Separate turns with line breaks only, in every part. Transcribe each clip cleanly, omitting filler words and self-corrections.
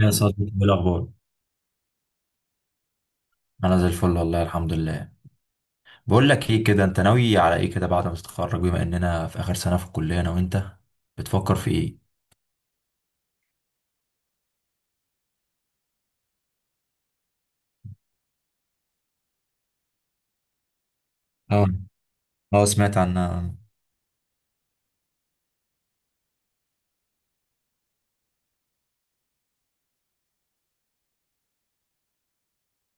يا صديقي، ايه الاخبار؟ انا زي الفل والله الحمد لله. بقول لك ايه كده، انت ناوي على ايه كده بعد ما تتخرج، بما اننا في اخر سنه في الكليه انا وانت، بتفكر في ايه؟ اه، اه، سمعت عنها.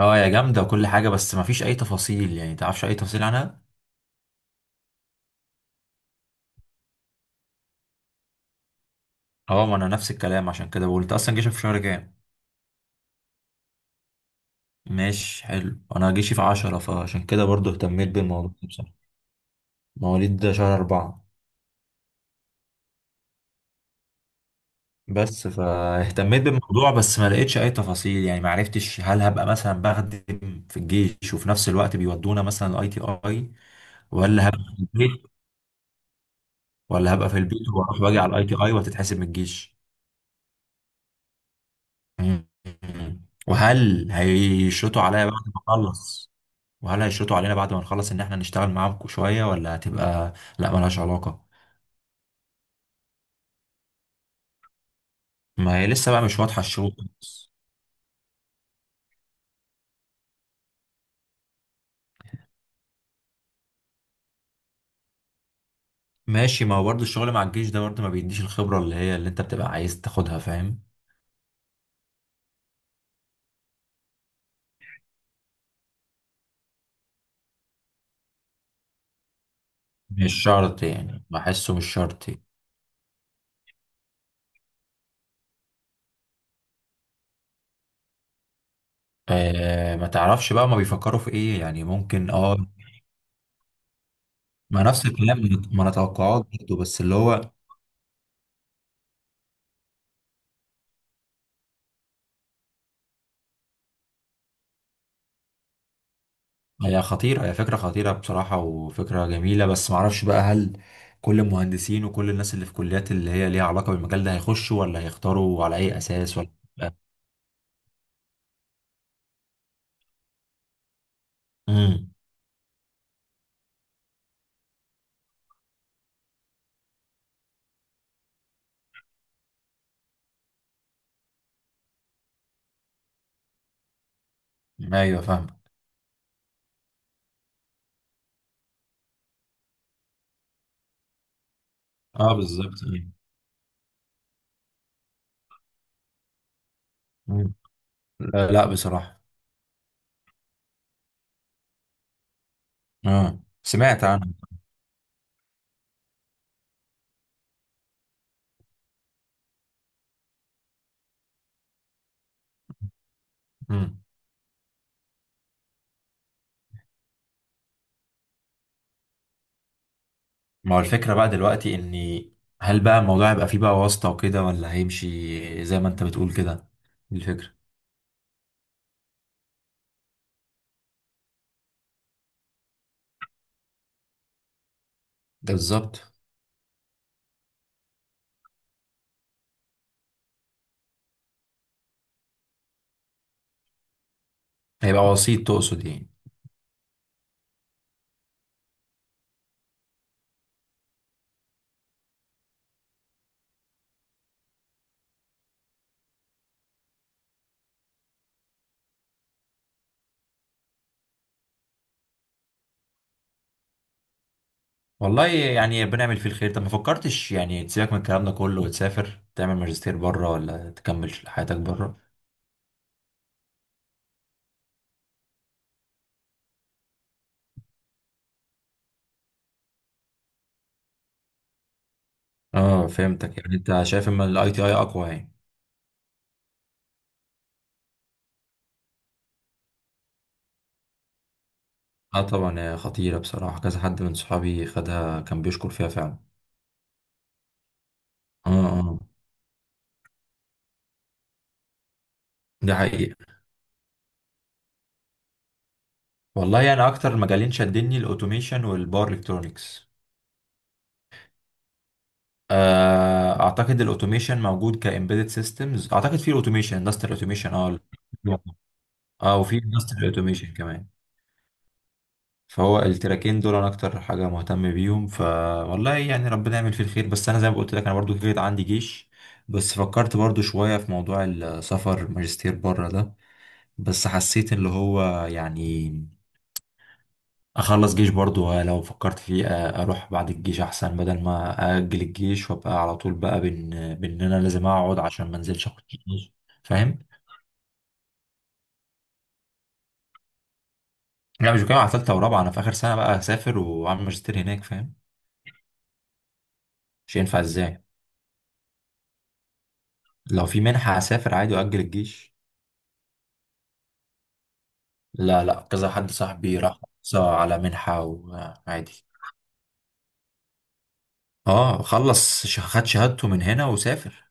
اه، يا جامده وكل حاجه، بس ما فيش اي تفاصيل يعني، تعرفش اي تفاصيل عنها؟ اه، ما انا نفس الكلام، عشان كده بقول، انت اصلا جيشك في شهر كام؟ ماشي، حلو. انا جيشي في 10، فعشان كده برضو اهتميت بالموضوع ده بصراحه. مواليد شهر 4. بس فاهتميت بالموضوع، بس ما لقيتش اي تفاصيل، يعني ما عرفتش هل هبقى مثلا بخدم في الجيش وفي نفس الوقت بيودونا مثلا الاي تي اي، ولا هبقى في البيت، ولا هبقى في البيت واروح واجي على الاي تي اي وتتحسب من الجيش. مم. وهل هيشرطوا عليا بعد ما اخلص، وهل هيشرطوا علينا بعد ما نخلص ان احنا نشتغل معاهم شوية، ولا هتبقى، لا ملهاش علاقة. ما هي لسه بقى مش واضحة الشروط. ماشي، ما هو برضه الشغل مع الجيش ده برضه ما بيديش الخبرة اللي انت بتبقى عايز تاخدها، فاهم. مش شرط يعني، بحسه مش شرط. آه، ما تعرفش بقى ما بيفكروا في ايه، يعني ممكن، اه. ما نفس الكلام. ما انا توقعات برضه، بس اللي هو. هي فكرة خطيرة بصراحة، وفكرة جميلة، بس ما اعرفش بقى، هل كل المهندسين وكل الناس اللي في كليات اللي هي ليها علاقة بالمجال ده هيخشوا، ولا هيختاروا على اي اساس، ولا. لا. امم. ايوه، فاهم. اه، بالظبط. مم. لا، لا، بصراحة. اه، سمعت عنه. مم. ما هو الفكرة بقى دلوقتي اني، هل بقى الموضوع هيبقى فيه بقى واسطة وكده، ولا هيمشي زي ما انت بتقول كده؟ دي الفكرة. ده بالظبط. هيبقى وسيط تقصد يعني؟ والله يعني بنعمل فيه الخير. طب ما فكرتش يعني تسيبك من الكلام ده كله، وتسافر تعمل ماجستير بره، ولا تكمل حياتك بره؟ اه، فهمتك، يعني انت شايف ان الاي تي اي اقوى يعني؟ اه، طبعا هي خطيرة بصراحة، كذا حد من صحابي خدها كان بيشكر فيها فعلا. اه، اه. ده حقيقي. والله انا يعني اكتر مجالين شدني الاوتوميشن والباور الكترونكس. اعتقد الاوتوميشن موجود، كامبيدد سيستمز اعتقد، في الاوتوميشن اندستريال اوتوميشن، اه. اه، وفي اندستريال اوتوميشن كمان. فهو التراكين دول انا اكتر حاجه مهتم بيهم، فوالله يعني ربنا يعمل فيه الخير، بس انا زي ما قلت لك انا برضو كده عندي جيش. بس فكرت برضو شويه في موضوع السفر ماجستير بره ده، بس حسيت اللي هو يعني، اخلص جيش برضو، لو فكرت فيه، اروح بعد الجيش احسن، بدل ما اجل الجيش وابقى على طول بقى، بان انا لازم اقعد عشان ما انزلش اخد جيش، فاهم. لا، مش بتكلم على ثالثه ورابعه، انا في اخر سنه بقى هسافر واعمل ماجستير هناك، فاهم. مش هينفع ازاي؟ لو في منحه هسافر عادي، واجل الجيش. لا، لا، كذا حد صاحبي راح حصل على منحه، وعادي. اه خلص، خد شهادته من هنا وسافر،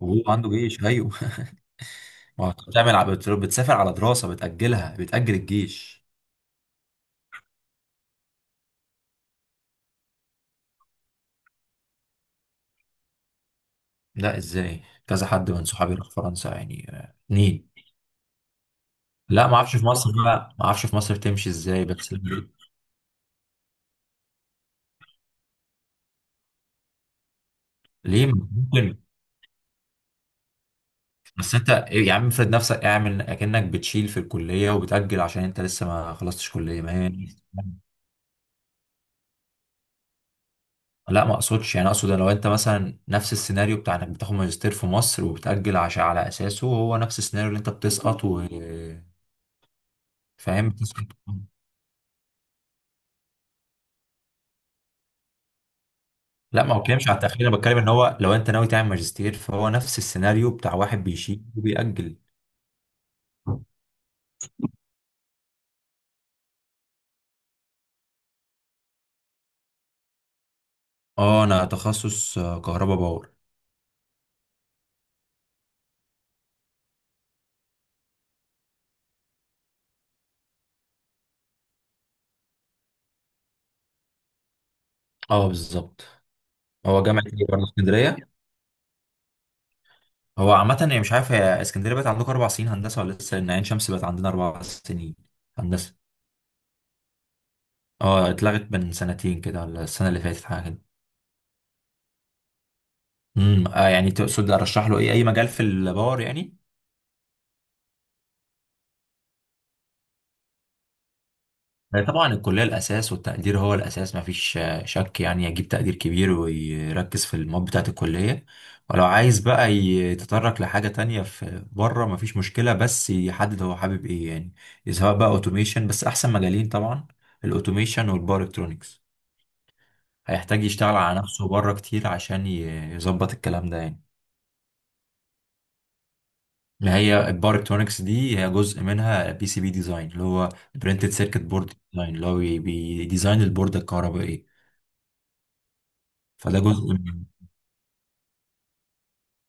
وهو عنده جيش، ايوه ما هو بتعمل، بتسافر على دراسه، بتاجلها، بتاجل الجيش. لا ازاي، كذا حد من صحابي راح فرنسا يعني، اتنين. لا، ما اعرفش في مصر بقى ما اعرفش في مصر بتمشي ازاي بس. ليه؟ ممكن. بس انت يا عم افرض نفسك، اعمل اكنك بتشيل في الكليه وبتاجل، عشان انت لسه ما خلصتش كليه، ما هي. لا، ما اقصدش يعني، اقصد لو انت مثلا نفس السيناريو بتاع انك بتاخد ماجستير في مصر وبتاجل، عشان على اساسه هو نفس السيناريو اللي انت بتسقط و، فاهم، بتسقط. لا، ما بتكلمش على التأخير، انا بتكلم ان هو لو انت ناوي تعمل ماجستير، فهو نفس السيناريو بتاع واحد بيشيل وبيأجل. اه، انا تخصص، كهرباء باور. اه، بالظبط. هو جامعة ايه برضه، اسكندرية؟ هو عامة يعني، مش عارف، هي اسكندرية بقت عندكم 4 سنين هندسة ولا لسه؟ لان عين شمس بقت عندنا 4 سنين هندسة. اه، اتلغت من سنتين كده، ولا السنة اللي فاتت حاجة كده. يعني تقصد ارشح له ايه، اي مجال في الباور يعني؟ طبعا الكلية الأساس، والتقدير هو الأساس، مفيش شك يعني، يجيب تقدير كبير ويركز في المواد بتاعة الكلية. ولو عايز بقى يتطرق لحاجة تانية في بره مفيش مشكلة، بس يحدد هو حابب إيه يعني. سواء بقى أوتوميشن، بس أحسن مجالين طبعا الأوتوميشن والباور إلكترونكس. هيحتاج يشتغل على نفسه بره كتير عشان يظبط الكلام ده يعني. ما هي الباور إلكترونكس دي هي جزء منها بي سي بي ديزاين، اللي هو برينتد سيركت بورد ديزاين، اللي هو بيديزاين البوردة الكهربائية. فده جزء منه.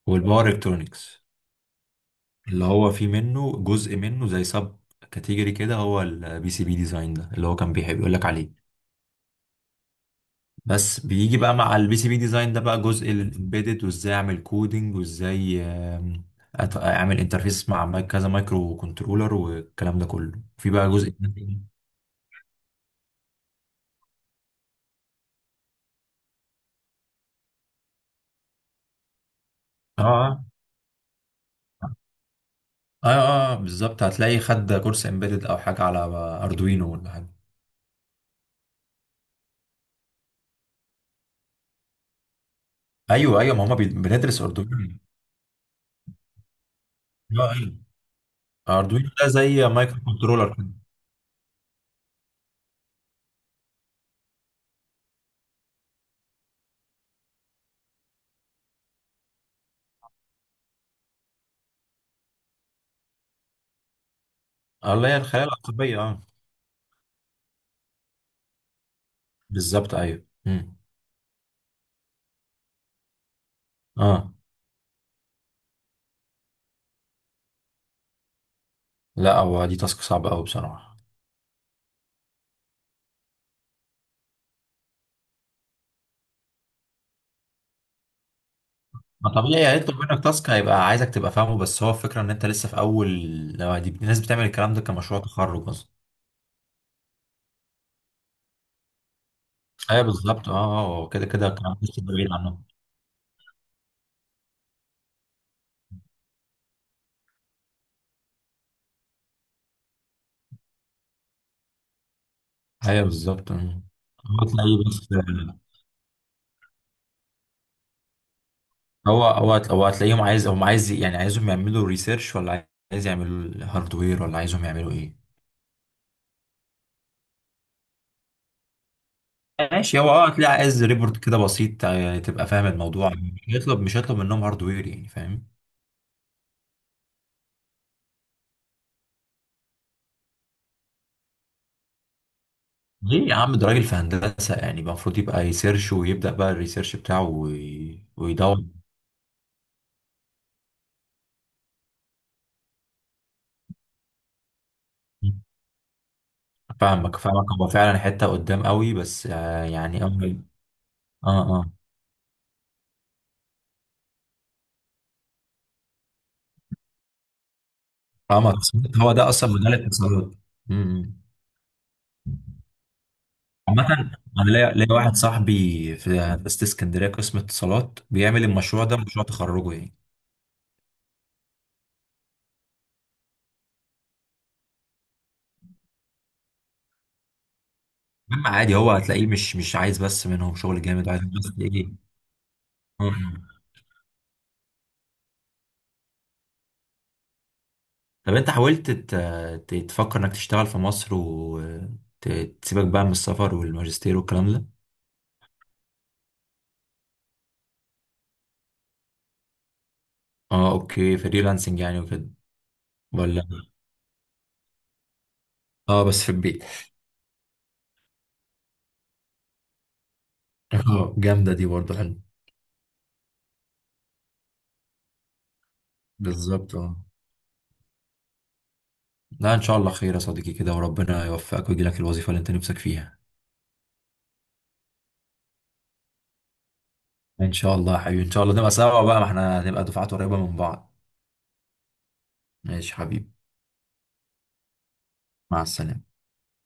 والباور الكترونكس اللي هو فيه منه جزء منه زي سب كاتيجوري كده، هو البي سي بي ديزاين ده اللي هو كان بيحب يقول لك عليه. بس بيجي بقى مع البي سي بي ديزاين ده بقى جزء الامبيدد، وازاي اعمل كودينج، وازاي اعمل انترفيس مع كذا مايكرو كنترولر، والكلام ده كله في بقى جزء تاني. اه، اه، اه، بالظبط، هتلاقي خد كورس امبيدد او حاجه على اردوينو، ولا حاجه. ايوه، ايوه، ما هم بندرس اردوينو. اه، ايوه، اردوينو ده زي مايكرو كنترولر كده. اللي هي الخلايا العصبيه، اه. بالظبط، ايوه. مم. اه، لا، هو دي تاسك صعبه قوي بصراحه. ما طبيعي هيطلب منك تاسك، هيبقى عايزك تبقى فاهمه، بس هو الفكره ان انت لسه في اول. لو دي الناس بتعمل الكلام ده كمشروع تخرج اصلا. ايوه، بالظبط، اه، هو كده كده الكلام ده لسه بعيد عنهم. ايوه، بالظبط. مم. هو تلاقيه بس، هو هتلاقيهم عايز، هم عايز يعني عايزهم يعملوا ريسيرش، ولا عايز يعملوا هاردوير، ولا عايزهم يعملوا ايه؟ ماشي، هو اه هتلاقي عايز ريبورت كده بسيط، يعني تبقى فاهم الموضوع، مش هيطلب منهم هاردوير يعني، فاهم. ليه يا عم، ده راجل في هندسة يعني، يبقى المفروض يبقى يسيرش، ويبدأ بقى الريسيرش بتاعه، ويدور. فاهمك، فاهمك، هو فعلا حتة قدام قوي، بس يعني أول. اه، اه، فاهمك. هو ده اصلا مجال الاتصالات. أمم. عامة، انا ليا واحد صاحبي في هندسة اسكندرية قسم اتصالات، بيعمل المشروع ده مشروع تخرجه يعني. مهم، عادي، هو هتلاقيه مش عايز بس منهم شغل جامد، عايز بس ايه. مم. طب انت حاولت، تفكر انك تشتغل في مصر، وتسيبك بقى من السفر والماجستير والكلام ده. اه اوكي، فريلانسنج يعني وكده؟ ولا اه، بس في البيت. اه، جامدة دي برضه، حلو. بالظبط، اه. لا، ان شاء الله خير يا صديقي كده، وربنا يوفقك ويجي لك الوظيفة اللي انت نفسك فيها. ان شاء الله يا حبيبي، ان شاء الله نبقى سوا بقى، ما احنا هنبقى دفعات قريبة من بعض. ماشي يا حبيبي. مع السلامة.